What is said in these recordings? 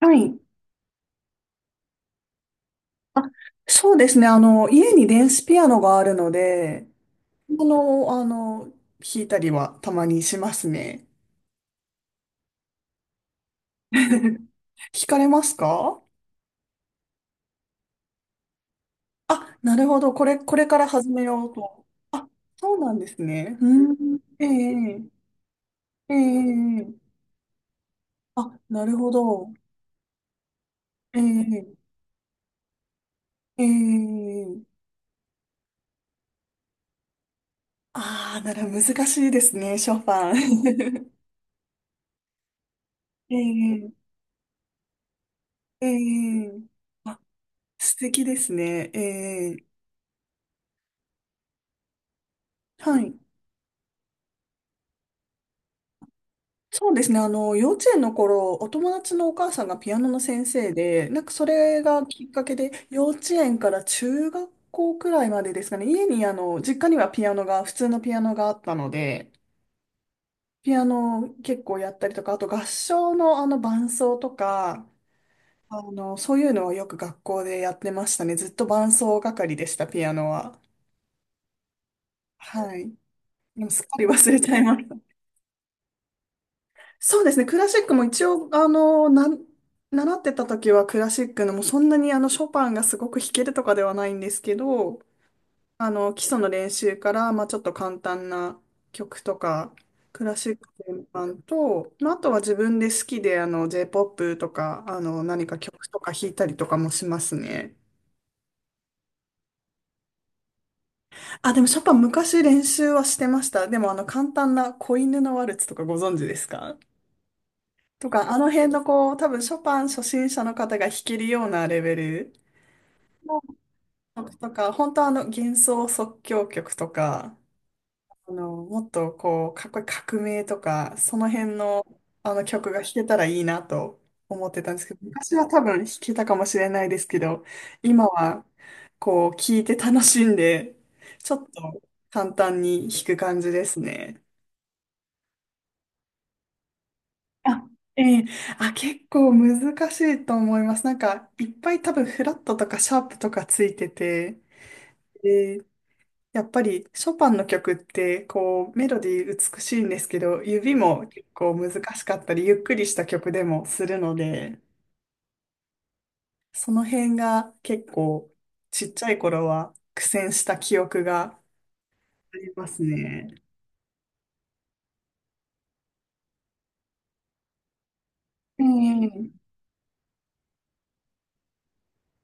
はい。あ、そうですね。家に電子ピアノがあるので、あの、あの、弾いたりはたまにしますね。弾かれますか？あ、なるほど。これから始めようと。あ、そうなんですね。うん。ええ、ええ。あ、なるほど。ええ、ええ。ああー、なら難しいですね、ショパン。ええ、ええ。あ、素敵ですね。ええ。はい。そうですね。幼稚園の頃、お友達のお母さんがピアノの先生で、なんかそれがきっかけで、幼稚園から中学校くらいまでですかね。家に、あの、実家にはピアノが、普通のピアノがあったので、ピアノを結構やったりとか、あと合唱のあの伴奏とか、そういうのはよく学校でやってましたね。ずっと伴奏係でした、ピアノは。はい。でもすっかり忘れちゃいまそうですね。クラシックも一応、習ってた時はクラシックのもうそんなにあのショパンがすごく弾けるとかではないんですけど、あの、基礎の練習から、まあちょっと簡単な曲とか、クラシック全般と、まああとは自分で好きであの j ポップとか、何か曲とか弾いたりとかもしますね。あ、でもショパン昔練習はしてました。でもあの簡単な子犬のワルツとかご存知ですか？とか、あの辺のこう、多分ショパン初心者の方が弾けるようなレベルの曲とか、本当あの幻想即興曲とか、あの、もっとこう、かっこいい革命とか、その辺のあの曲が弾けたらいいなと思ってたんですけど、昔は多分弾けたかもしれないですけど、今はこう、聴いて楽しんで、ちょっと簡単に弾く感じですね。あ。ええ。あ、結構難しいと思います。なんか、いっぱい多分フラットとかシャープとかついてて、で、やっぱりショパンの曲って、こう、メロディー美しいんですけど、指も結構難しかったり、ゆっくりした曲でもするので、その辺が結構、ちっちゃい頃は苦戦した記憶がありますね。ええ。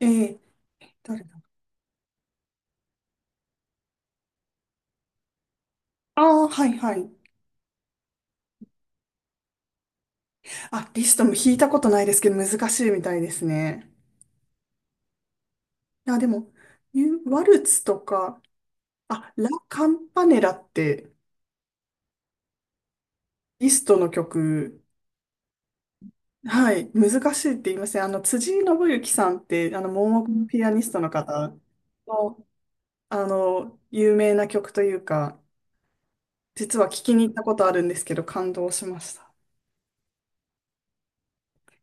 ええ。誰だ。ああー、はいはい。あ、リストも弾いたことないですけど、難しいみたいですね。あ、でも、ユワルツとか、あ、ラ・カンパネラって、リストの曲、はい、難しいって言いません。辻井伸行さんって、あの、盲目のピアニストの方の、あの、有名な曲というか、実は聞きに行ったことあるんですけど、感動しました。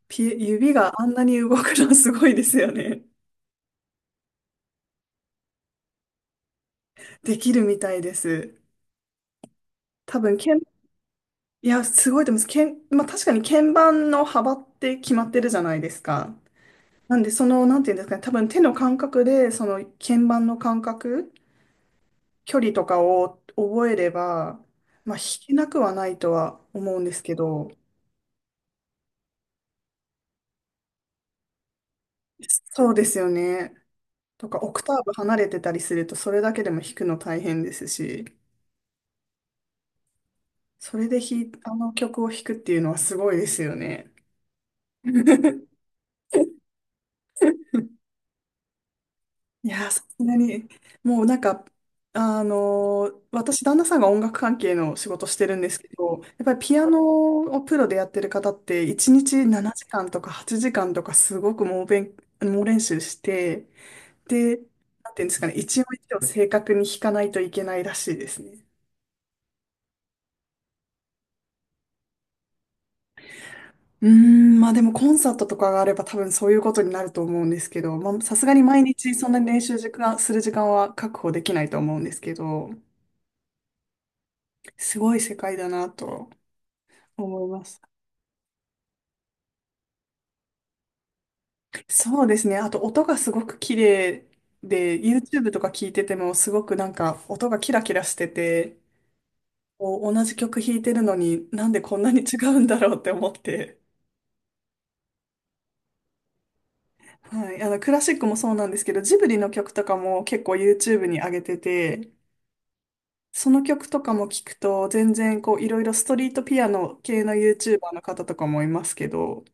指があんなに動くのすごいですよね。できるみたいです。多分、いや、すごいと思います。まあ、確かに鍵盤の幅って決まってるじゃないですか。なんで、その、なんていうんですかね、多分手の感覚で、その鍵盤の感覚、距離とかを覚えれば、まあ、弾けなくはないとは思うんですけど、そうですよね。とか、オクターブ離れてたりすると、それだけでも弾くの大変ですし、それであの曲を弾くっていうのはすごいですよね。いやー、さすがに、もうなんか、私、旦那さんが音楽関係の仕事してるんですけど、やっぱりピアノをプロでやってる方って、1日7時間とか8時間とか、すごく猛練習して、で、なんていうんですかね、一音一音正確に弾かないといけないらしいですね。うーん、まあでもコンサートとかがあれば多分そういうことになると思うんですけど、まあさすがに毎日そんなに練習時間、する時間は確保できないと思うんですけど、すごい世界だなと思います。そうですね。あと音がすごく綺麗で、YouTube とか聞いててもすごくなんか音がキラキラしてて、こう同じ曲弾いてるのになんでこんなに違うんだろうって思って。はい。クラシックもそうなんですけど、ジブリの曲とかも結構 YouTube に上げてて、その曲とかも聞くと全然こういろいろストリートピアノ系の YouTuber の方とかもいますけど、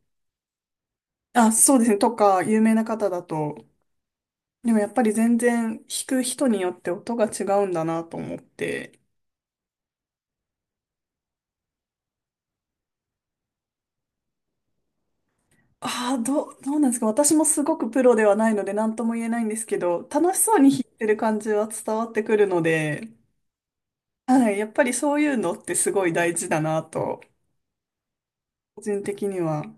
あ、そうですね。とか、有名な方だと、でもやっぱり全然弾く人によって音が違うんだなと思って。ああ、どうなんですか？私もすごくプロではないので何とも言えないんですけど、楽しそうに弾いてる感じは伝わってくるので、はい、やっぱりそういうのってすごい大事だなと、個人的には。や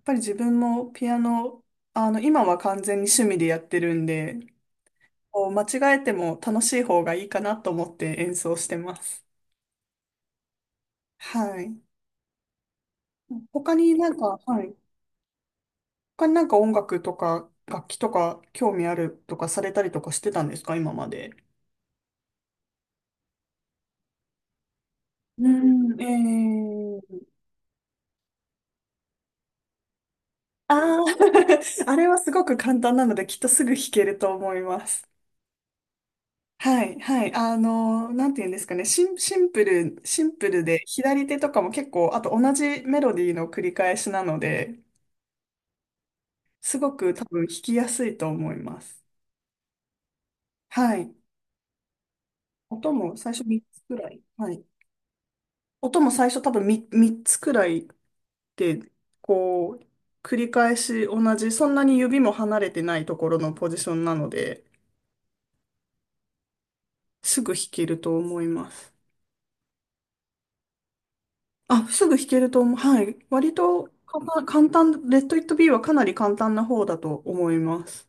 っぱり自分もピアノ、あの、今は完全に趣味でやってるんで、こう間違えても楽しい方がいいかなと思って演奏してます。はい。他になんか、はい。他になんか音楽とか楽器とか興味あるとかされたりとかしてたんですか、今まで？うん。ああ、あれはすごく簡単なので、きっとすぐ弾けると思います。はい、はい。なんて言うんですかね。シンプルで、左手とかも結構、あと同じメロディーの繰り返しなので、すごく多分弾きやすいと思います。はい。音も最初3つくらい。はい。音も最初多分 三つくらいて、こう、繰り返し同じ、そんなに指も離れてないところのポジションなので、すぐ弾けると思います。あ、すぐ弾けると思う。はい。割と簡単、レッド・イット・ビーはかなり簡単な方だと思います。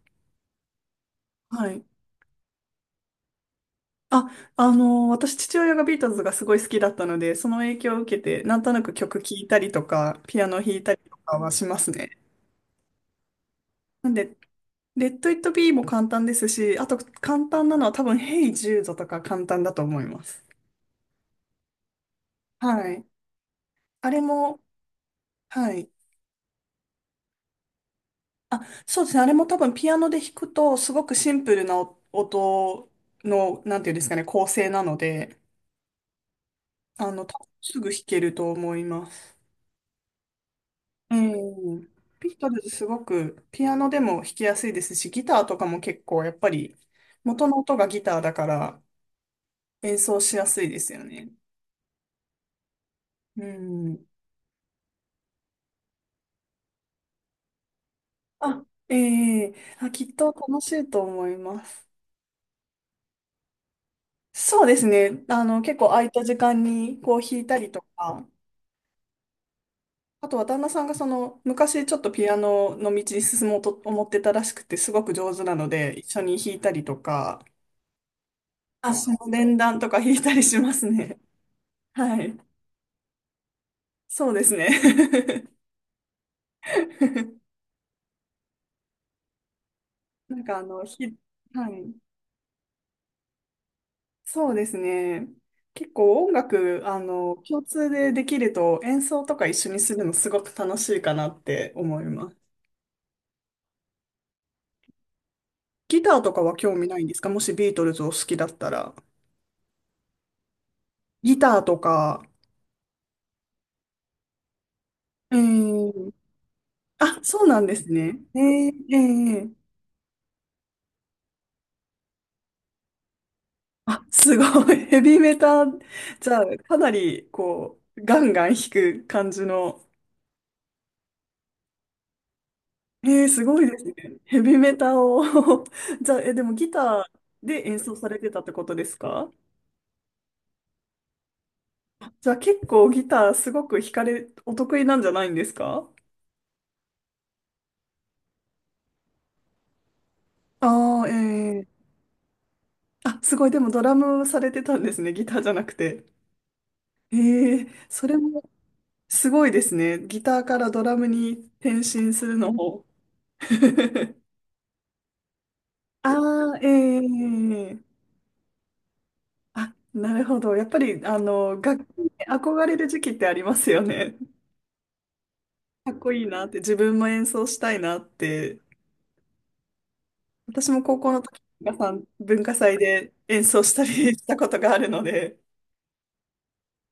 はい。あ、私、父親がビートルズがすごい好きだったので、その影響を受けて、なんとなく曲聴いたりとか、ピアノ弾いたりとかはしますね。なんで、レッド・イット・ビーも簡単ですし、あと簡単なのは多分、ヘイ・ジュードとか簡単だと思います。はい。あれも、はい。あ、そうですね。あれも多分ピアノで弾くと、すごくシンプルな音の、なんていうんですかね、構成なので、多分すぐ弾けると思います。うん。ピートルズすごくピアノでも弾きやすいですし、ギターとかも結構やっぱり元の音がギターだから演奏しやすいですよね。うん。あ。ええ。あ、きっと楽しいと思います。そうですね。結構空いた時間にこう弾いたりとか、あとは旦那さんがその昔ちょっとピアノの道に進もうと思ってたらしくてすごく上手なので一緒に弾いたりとか、あ、その連弾とか弾いたりしますね。はい。そうですね。なんかあの、はい。そうですね。結構音楽、共通でできると演奏とか一緒にするのすごく楽しいかなって思います。ギターとかは興味ないんですか？もしビートルズを好きだったら。ギターとか、えー、あ、そうなんですね。あ、すごい。ヘビーメタ、じゃあ、かなり、こう、ガンガン弾く感じの。すごいですね。ヘビーメタを じゃあ、でもギターで演奏されてたってことですか？じゃあ、結構ギターすごく弾かれ、お得意なんじゃないんですか？ああー、えー。あ、すごい。でもドラムされてたんですね。ギターじゃなくて。ええ。それもすごいですね。ギターからドラムに転身するのも。ああ。ええ。あ、なるほど。やっぱり、楽器に憧れる時期ってありますよね。かっこいいなって、自分も演奏したいなって。私も高校の時、皆さん文化祭で演奏したりしたことがあるので、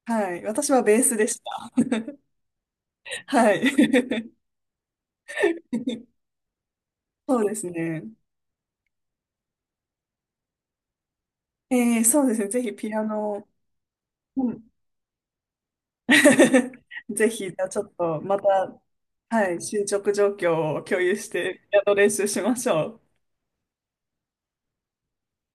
はい。私はベースでした。はい。そうですね。ええ。そうですね。ぜひピアノ。うん。 ぜひ、じゃあちょっとまた、はい、進捗状況を共有して、ピアノ練習しましょう。